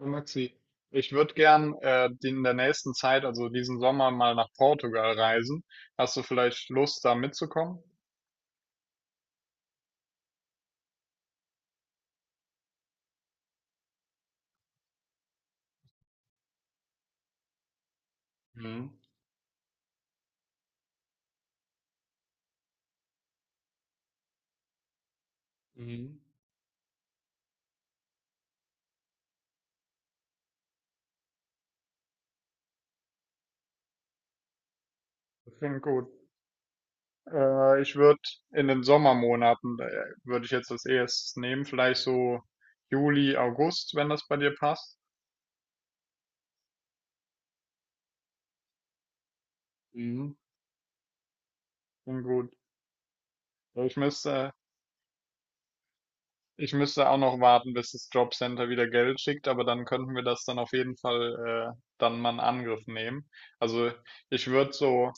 Hallo Maxi, ich würde gern in der nächsten Zeit, also diesen Sommer, mal nach Portugal reisen. Hast du vielleicht Lust, da mitzukommen? Mhm. Mhm. Das klingt gut. Ich würde in den Sommermonaten, würde ich jetzt das erstes nehmen, vielleicht so Juli, August, wenn das bei dir passt. Mhm. Klingt gut. Ich müsste Ich müsste auch noch warten, bis das Jobcenter wieder Geld schickt, aber dann könnten wir das dann auf jeden Fall dann mal in Angriff nehmen. Also ich würde so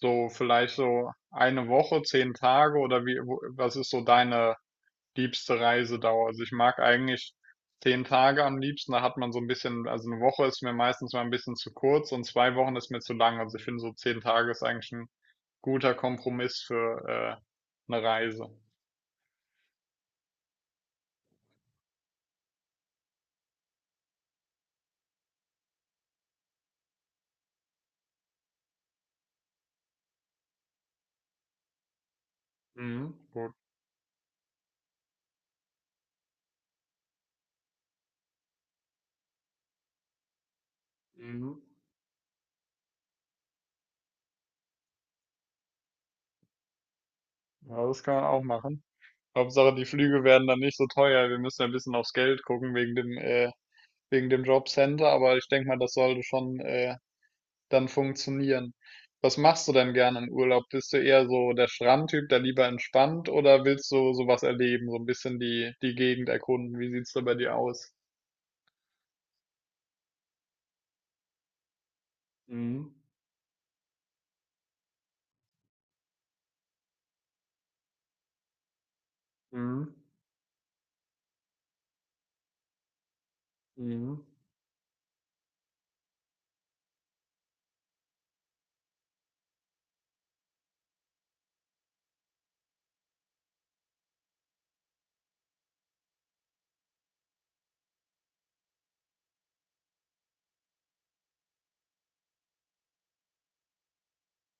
so vielleicht so eine Woche, 10 Tage oder was ist so deine liebste Reisedauer? Also ich mag eigentlich 10 Tage am liebsten. Da hat man so ein bisschen, also eine Woche ist mir meistens mal ein bisschen zu kurz und 2 Wochen ist mir zu lang. Also ich finde so 10 Tage ist eigentlich ein guter Kompromiss für eine Reise. Mhm. Gut. Mhm. Ja, das kann man auch machen. Hauptsache, die Flüge werden dann nicht so teuer. Wir müssen ein bisschen aufs Geld gucken wegen wegen dem Jobcenter, aber ich denke mal, das sollte schon, dann funktionieren. Was machst du denn gerne im Urlaub? Bist du eher so der Strandtyp, der lieber entspannt, oder willst du sowas erleben, so ein bisschen die Gegend erkunden? Wie sieht's da bei dir aus? Mhm. Mhm. Mhm.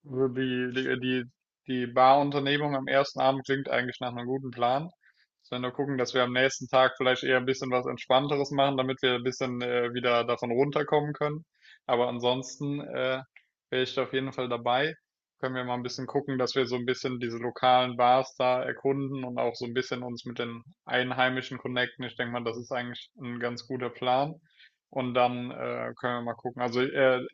Also die Barunternehmung am ersten Abend klingt eigentlich nach einem guten Plan. Wenn wir nur gucken, dass wir am nächsten Tag vielleicht eher ein bisschen was Entspannteres machen, damit wir ein bisschen wieder davon runterkommen können. Aber ansonsten wäre ich da auf jeden Fall dabei. Können wir mal ein bisschen gucken, dass wir so ein bisschen diese lokalen Bars da erkunden und auch so ein bisschen uns mit den Einheimischen connecten. Ich denke mal, das ist eigentlich ein ganz guter Plan. Und dann können wir mal gucken. Also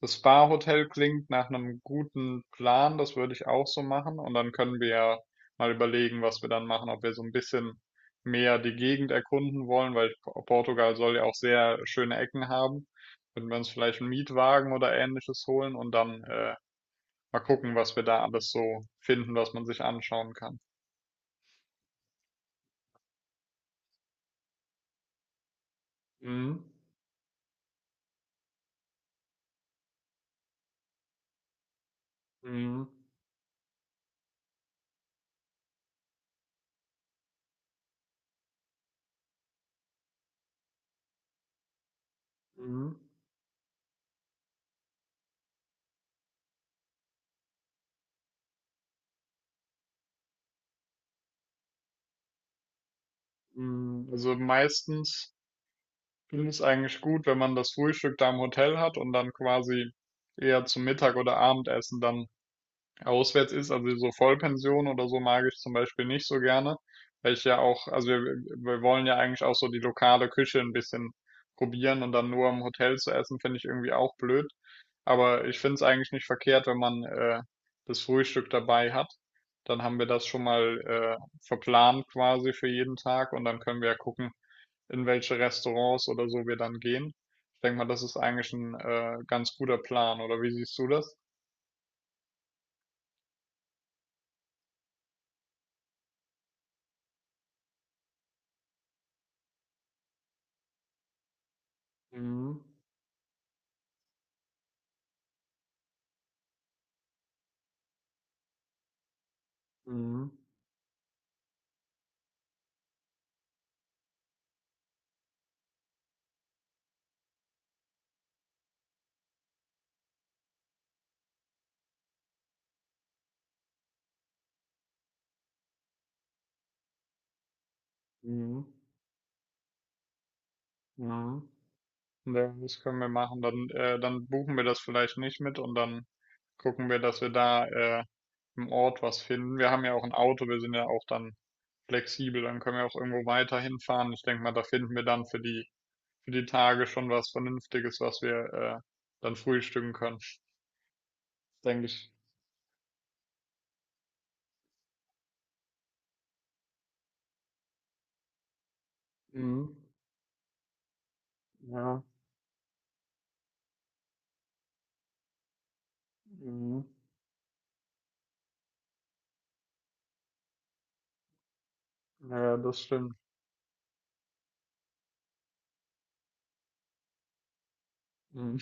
das Spa-Hotel klingt nach einem guten Plan, das würde ich auch so machen. Und dann können wir ja mal überlegen, was wir dann machen, ob wir so ein bisschen mehr die Gegend erkunden wollen, weil Portugal soll ja auch sehr schöne Ecken haben. Würden wir uns vielleicht einen Mietwagen oder ähnliches holen und dann mal gucken, was wir da alles so finden, was man sich anschauen kann. Mhm. Mhm. Mhm. Mhm. Also meistens finde ich eigentlich gut, wenn man das Frühstück da im Hotel hat und dann quasi eher zum Mittag oder Abendessen dann auswärts ist. Also so Vollpension oder so mag ich zum Beispiel nicht so gerne, weil ich ja auch, also wir wollen ja eigentlich auch so die lokale Küche ein bisschen probieren und dann nur im Hotel zu essen, finde ich irgendwie auch blöd. Aber ich finde es eigentlich nicht verkehrt, wenn man das Frühstück dabei hat. Dann haben wir das schon mal verplant quasi für jeden Tag und dann können wir ja gucken, in welche Restaurants oder so wir dann gehen. Ich denke mal, das ist eigentlich ein ganz guter Plan, oder wie siehst du das? Mhm. Mhm. Mhm. Mhm. Ja, das können wir machen. Dann buchen wir das vielleicht nicht mit und dann gucken wir, dass wir da im Ort was finden. Wir haben ja auch ein Auto, wir sind ja auch dann flexibel, dann können wir auch irgendwo weiter hinfahren. Ich denke mal, da finden wir dann für die Tage schon was Vernünftiges, was wir dann frühstücken können. Denke ich. Mhm. Ja. Mhm. Ja, das stimmt. Mhm.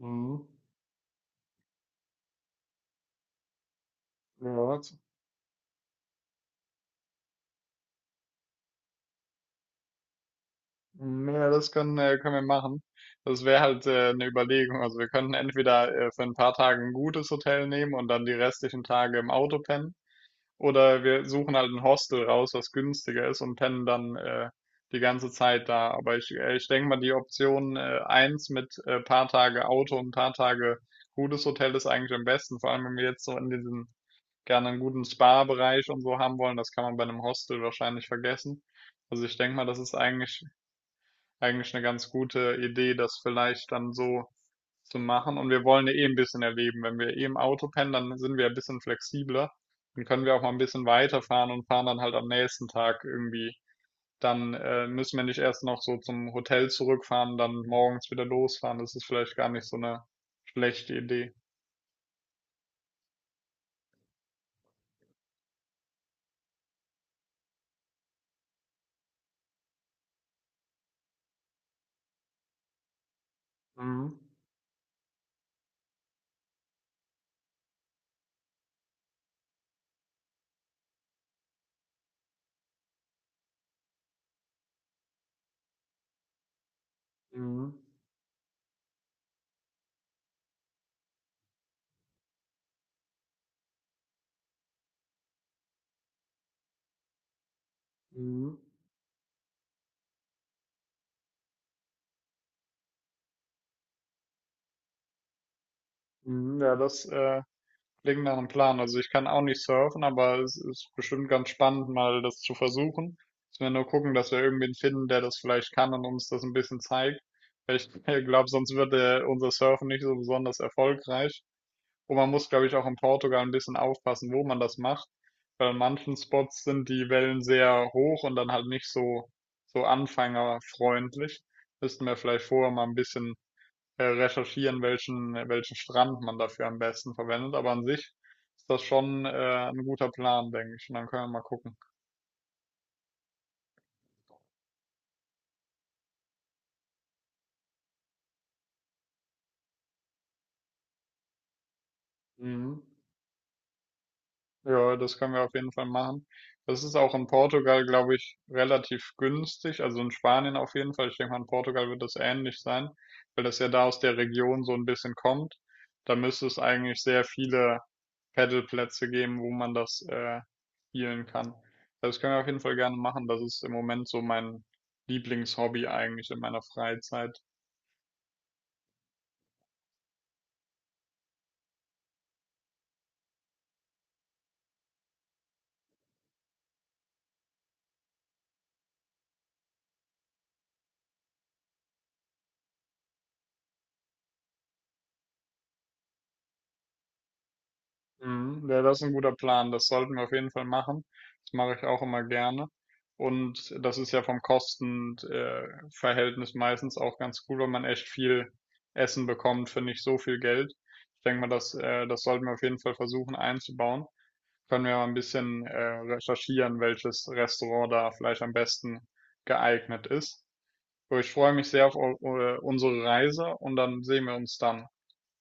Mhm. Ja, z- mhm, ja, das können wir machen. Das wäre halt eine Überlegung. Also wir könnten entweder für ein paar Tage ein gutes Hotel nehmen und dann die restlichen Tage im Auto pennen. Oder wir suchen halt ein Hostel raus, was günstiger ist und pennen dann die ganze Zeit da. Aber ich denke mal, die Option eins mit paar Tage Auto und paar Tage gutes Hotel ist eigentlich am besten. Vor allem, wenn wir jetzt so in diesen gerne einen guten Spa-Bereich und so haben wollen, das kann man bei einem Hostel wahrscheinlich vergessen. Also ich denke mal, das ist eigentlich eine ganz gute Idee, das vielleicht dann so zu machen. Und wir wollen ja eh ein bisschen erleben. Wenn wir eh im Auto pennen, dann sind wir ja ein bisschen flexibler. Dann können wir auch mal ein bisschen weiterfahren und fahren dann halt am nächsten Tag irgendwie. Dann müssen wir nicht erst noch so zum Hotel zurückfahren, dann morgens wieder losfahren. Das ist vielleicht gar nicht so eine schlechte Idee. Mhm. Mhm. Mhm. Mhm. Ja, klingt nach einem Plan. Also ich kann auch nicht surfen, aber es ist bestimmt ganz spannend, mal das zu versuchen. Müssen wir nur gucken, dass wir irgendwen finden, der das vielleicht kann und uns das ein bisschen zeigt. Weil ich glaube, sonst wird unser Surfen nicht so besonders erfolgreich. Und man muss, glaube ich, auch in Portugal ein bisschen aufpassen, wo man das macht. Weil an manchen Spots sind die Wellen sehr hoch und dann halt nicht so anfängerfreundlich. Müssten wir vielleicht vorher mal ein bisschen recherchieren, welchen Strand man dafür am besten verwendet. Aber an sich ist das schon ein guter Plan, denke ich. Und dann können wir mal gucken. Mhm. Ja, das können wir auf jeden Fall machen. Das ist auch in Portugal, glaube ich, relativ günstig. Also in Spanien auf jeden Fall. Ich denke mal, in Portugal wird das ähnlich sein, weil das ja da aus der Region so ein bisschen kommt. Da müsste es eigentlich sehr viele Paddleplätze geben, wo man das spielen kann. Also das können wir auf jeden Fall gerne machen. Das ist im Moment so mein Lieblingshobby eigentlich in meiner Freizeit. Mhm, ja, das ist ein guter Plan. Das sollten wir auf jeden Fall machen. Das mache ich auch immer gerne. Und das ist ja vom Kostenverhältnis meistens auch ganz cool, weil man echt viel Essen bekommt für nicht so viel Geld. Ich denke mal, das sollten wir auf jeden Fall versuchen einzubauen. Können wir mal ein recherchieren, welches Restaurant da vielleicht am besten geeignet ist. So, ich freue mich sehr auf unsere Reise und dann sehen wir uns dann.